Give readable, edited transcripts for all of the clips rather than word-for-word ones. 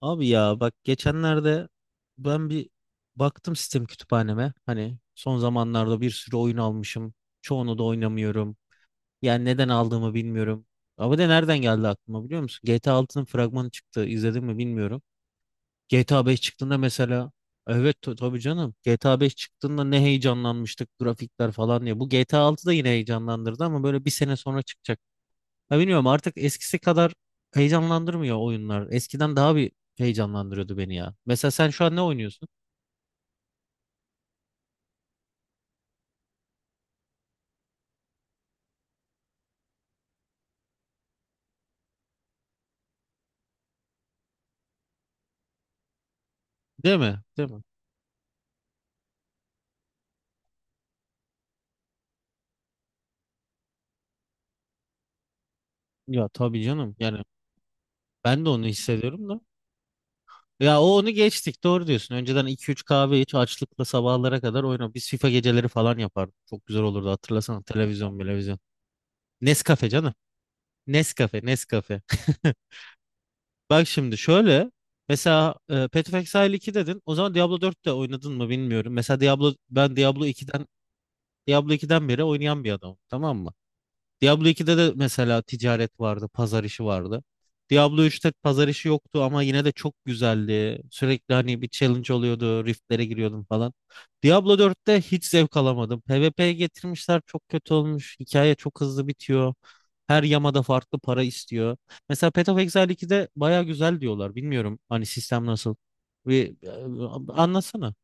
Abi ya bak geçenlerde ben bir baktım sistem kütüphaneme. Hani son zamanlarda bir sürü oyun almışım. Çoğunu da oynamıyorum. Yani neden aldığımı bilmiyorum. Ama de nereden geldi aklıma biliyor musun? GTA altının fragmanı çıktı. İzledin mi bilmiyorum. GTA 5 çıktığında mesela. Evet, tabii canım. GTA 5 çıktığında ne heyecanlanmıştık grafikler falan diye. Bu GTA 6 da yine heyecanlandırdı ama böyle bir sene sonra çıkacak. Ya bilmiyorum, artık eskisi kadar heyecanlandırmıyor oyunlar. Eskiden daha bir heyecanlandırıyordu beni ya. Mesela sen şu an ne oynuyorsun? Değil mi? Değil mi? Ya tabii canım. Yani ben de onu hissediyorum da. Ya o, onu geçtik, doğru diyorsun. Önceden 2-3 kahve iç, açlıkla sabahlara kadar oyna. Biz FIFA geceleri falan yapardık. Çok güzel olurdu, hatırlasana, televizyon televizyon. Nescafe canım. Nescafe Nescafe. Bak, şimdi şöyle. Mesela Path of Exile 2 dedin. O zaman Diablo dört de oynadın mı bilmiyorum. Mesela Diablo ikiden beri oynayan bir adam, tamam mı? Diablo ikide de mesela ticaret vardı, pazar işi vardı. Diablo üçte pazar işi yoktu ama yine de çok güzeldi. Sürekli hani bir challenge oluyordu, riftlere giriyordum falan. Diablo dörtte hiç zevk alamadım. PvP'ye getirmişler, çok kötü olmuş. Hikaye çok hızlı bitiyor. Her yamada farklı para istiyor. Mesela Path of Exile 2'de baya güzel diyorlar. Bilmiyorum hani sistem nasıl. Bir, Anlatsana.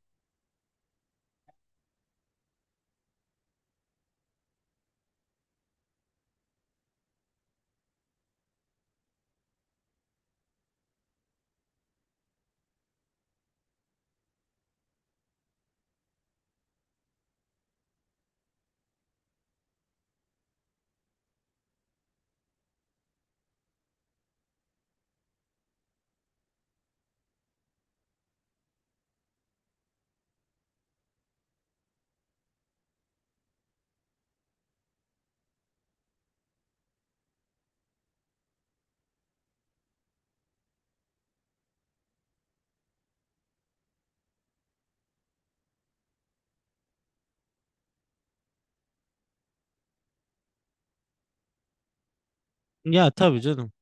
Ya tabii canım.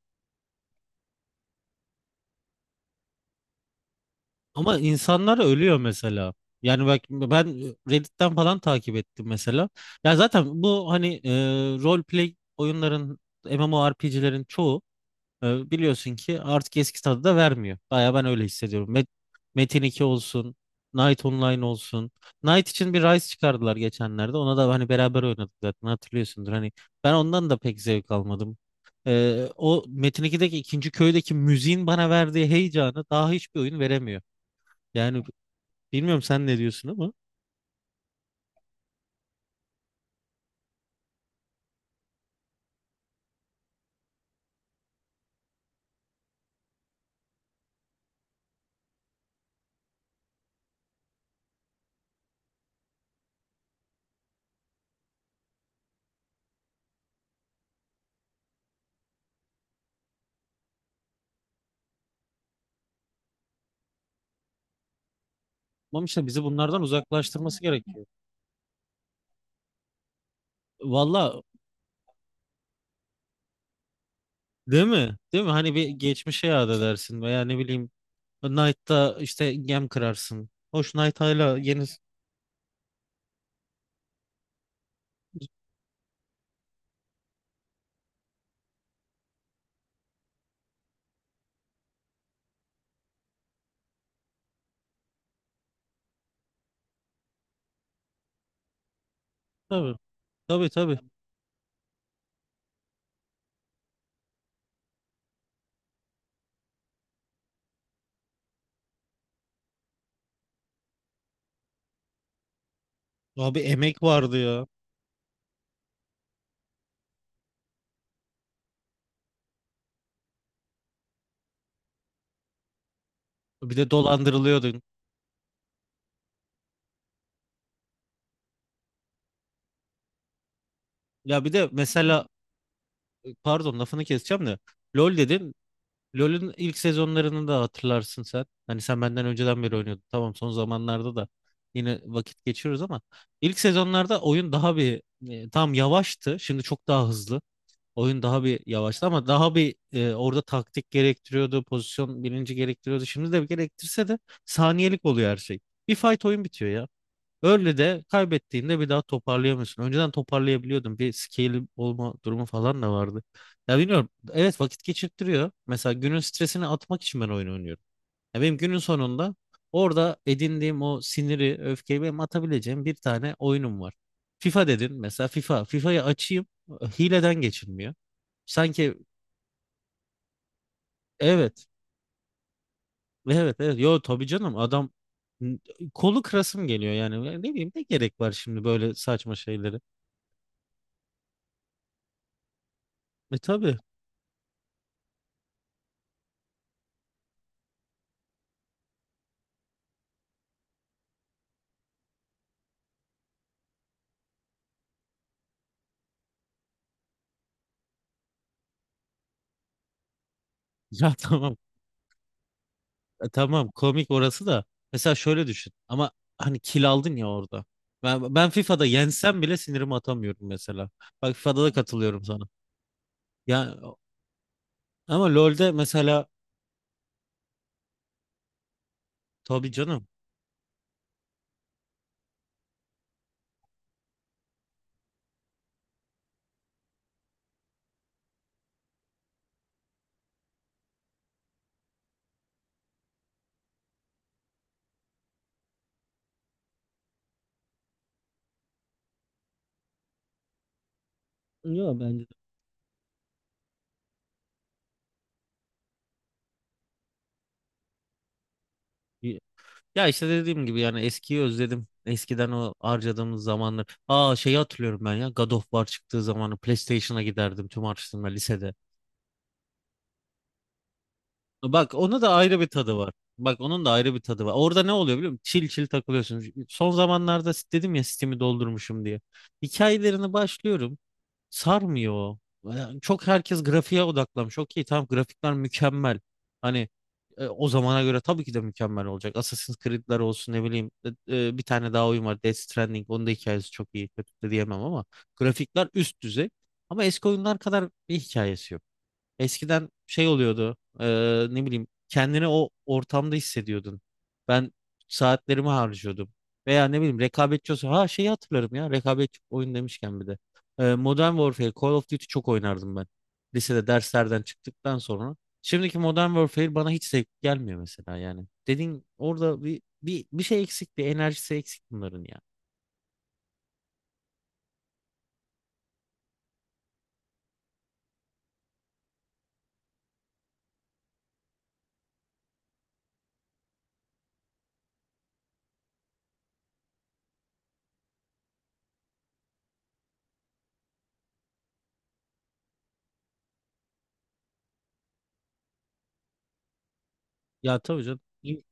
Ama insanlar ölüyor mesela. Yani bak, ben Reddit'ten falan takip ettim mesela. Ya zaten bu hani role play oyunların, MMORPG'lerin çoğu biliyorsun ki artık eski tadı da vermiyor. Baya ben öyle hissediyorum. Metin 2 olsun, Knight Online olsun. Knight için bir Rise çıkardılar geçenlerde. Ona da hani beraber oynadık zaten, hatırlıyorsundur. Hani ben ondan da pek zevk almadım. O Metin 2'deki ikinci köydeki müziğin bana verdiği heyecanı daha hiçbir oyun veremiyor. Yani bilmiyorum, sen ne diyorsun ama. Ama işte bizi bunlardan uzaklaştırması gerekiyor. Valla değil mi? Değil mi? Hani bir geçmişe yad edersin veya ne bileyim, Knight'ta işte gem kırarsın. Hoş Knight hala yeni... Tabii tabii tabii. Abi emek vardı ya. Bir de dolandırılıyordun. Ya bir de mesela, pardon, lafını keseceğim de. LOL dedin. LoL'ün ilk sezonlarını da hatırlarsın sen. Hani sen benden önceden beri oynuyordun. Tamam, son zamanlarda da yine vakit geçiriyoruz ama ilk sezonlarda oyun daha bir tam yavaştı. Şimdi çok daha hızlı. Oyun daha bir yavaştı ama daha bir orada taktik gerektiriyordu, pozisyon bilinci gerektiriyordu. Şimdi de gerektirse de saniyelik oluyor her şey. Bir fight oyun bitiyor ya. Öyle de kaybettiğinde bir daha toparlayamıyorsun. Önceden toparlayabiliyordum. Bir scale olma durumu falan da vardı. Ya bilmiyorum. Evet, vakit geçirttiriyor. Mesela günün stresini atmak için ben oyun oynuyorum. Ya benim günün sonunda orada edindiğim o siniri, öfkeyi benim atabileceğim bir tane oyunum var. FIFA dedin mesela, FIFA. FIFA'yı açayım, hileden geçilmiyor. Sanki. Evet, evet, evet. Yo, tabii canım. Adam, kolu kırasım geliyor yani, ne bileyim, ne gerek var şimdi böyle saçma şeylere. E tabii. Ya tamam. Tamam, komik orası da. Mesela şöyle düşün. Ama hani kill aldın ya orada. Ben FIFA'da yensem bile sinirimi atamıyorum mesela. Bak FIFA'da da katılıyorum sana. Ya ama LoL'de mesela, tabii canım. Yok, bence de. Ya işte dediğim gibi, yani eskiyi özledim. Eskiden o harcadığımız zamanlar. Aa, şeyi hatırlıyorum ben ya. God of War çıktığı zamanı PlayStation'a giderdim tüm harçlığımla lisede. Bak, ona da ayrı bir tadı var. Bak onun da ayrı bir tadı var. Orada ne oluyor biliyor musun? Çil çil takılıyorsun. Son zamanlarda dedim ya, Steam'i doldurmuşum diye. Hikayelerini başlıyorum. Sarmıyor o. Yani çok, herkes grafiğe odaklamış. Okey tamam, grafikler mükemmel. Hani o zamana göre tabii ki de mükemmel olacak. Assassin's Creed'ler olsun, ne bileyim. Bir tane daha oyun var, Death Stranding. Onun da hikayesi çok iyi. Kötü de diyemem ama. Grafikler üst düzey. Ama eski oyunlar kadar bir hikayesi yok. Eskiden şey oluyordu. Ne bileyim, kendini o ortamda hissediyordun. Ben saatlerimi harcıyordum. Veya ne bileyim rekabetçi olsa, ha, şeyi hatırlarım ya, rekabetçi oyun demişken bir de. Modern Warfare, Call of Duty çok oynardım ben. Lisede derslerden çıktıktan sonra. Şimdiki Modern Warfare bana hiç zevk gelmiyor mesela, yani. Dediğin orada bir şey eksik, bir enerjisi eksik bunların ya. Ya tabii canım. İn-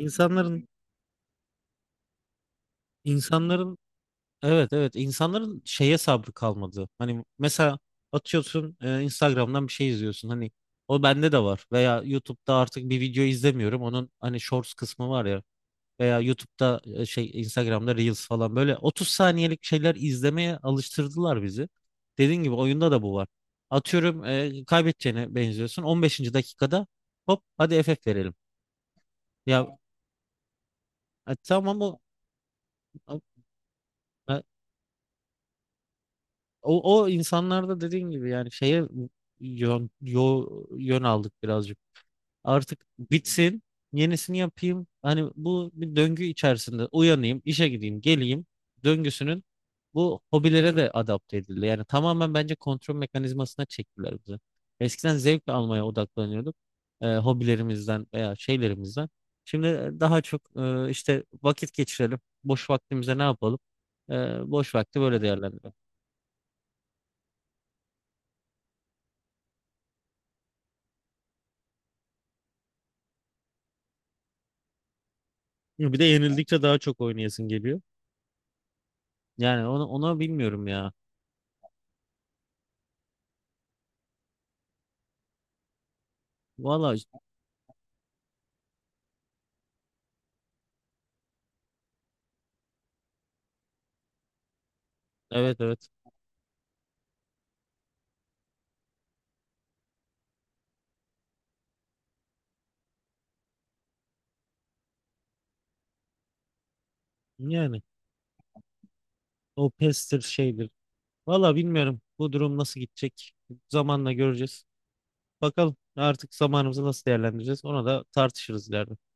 insanların insanların Evet, evet, insanların şeye sabrı kalmadı. Hani mesela atıyorsun, Instagram'dan bir şey izliyorsun. Hani o bende de var. Veya YouTube'da artık bir video izlemiyorum. Onun hani Shorts kısmı var ya. Veya YouTube'da şey, Instagram'da Reels falan, böyle 30 saniyelik şeyler izlemeye alıştırdılar bizi. Dediğin gibi oyunda da bu var. Atıyorum, kaybedeceğine benziyorsun. 15. dakikada hop, hadi FF verelim. Ya, tamam, o. O insanlarda dediğin gibi yani şeye, yön, yo, yön aldık birazcık. Artık bitsin, yenisini yapayım. Hani bu, bir döngü içerisinde uyanayım, işe gideyim, geleyim döngüsünün bu hobilere de adapte edildi. Yani tamamen bence kontrol mekanizmasına çektiler bizi. Eskiden zevk almaya odaklanıyorduk, hobilerimizden veya şeylerimizden. Şimdi daha çok işte, vakit geçirelim, boş vaktimize ne yapalım? E, Boş vakti böyle değerlendirelim. Bir de yenildikçe daha çok oynayasın geliyor. Yani ona bilmiyorum ya. Valla, evet, evet. Yani o pestir şeydir. Valla bilmiyorum bu durum nasıl gidecek. Zamanla göreceğiz. Bakalım artık zamanımızı nasıl değerlendireceğiz. Ona da tartışırız ileride.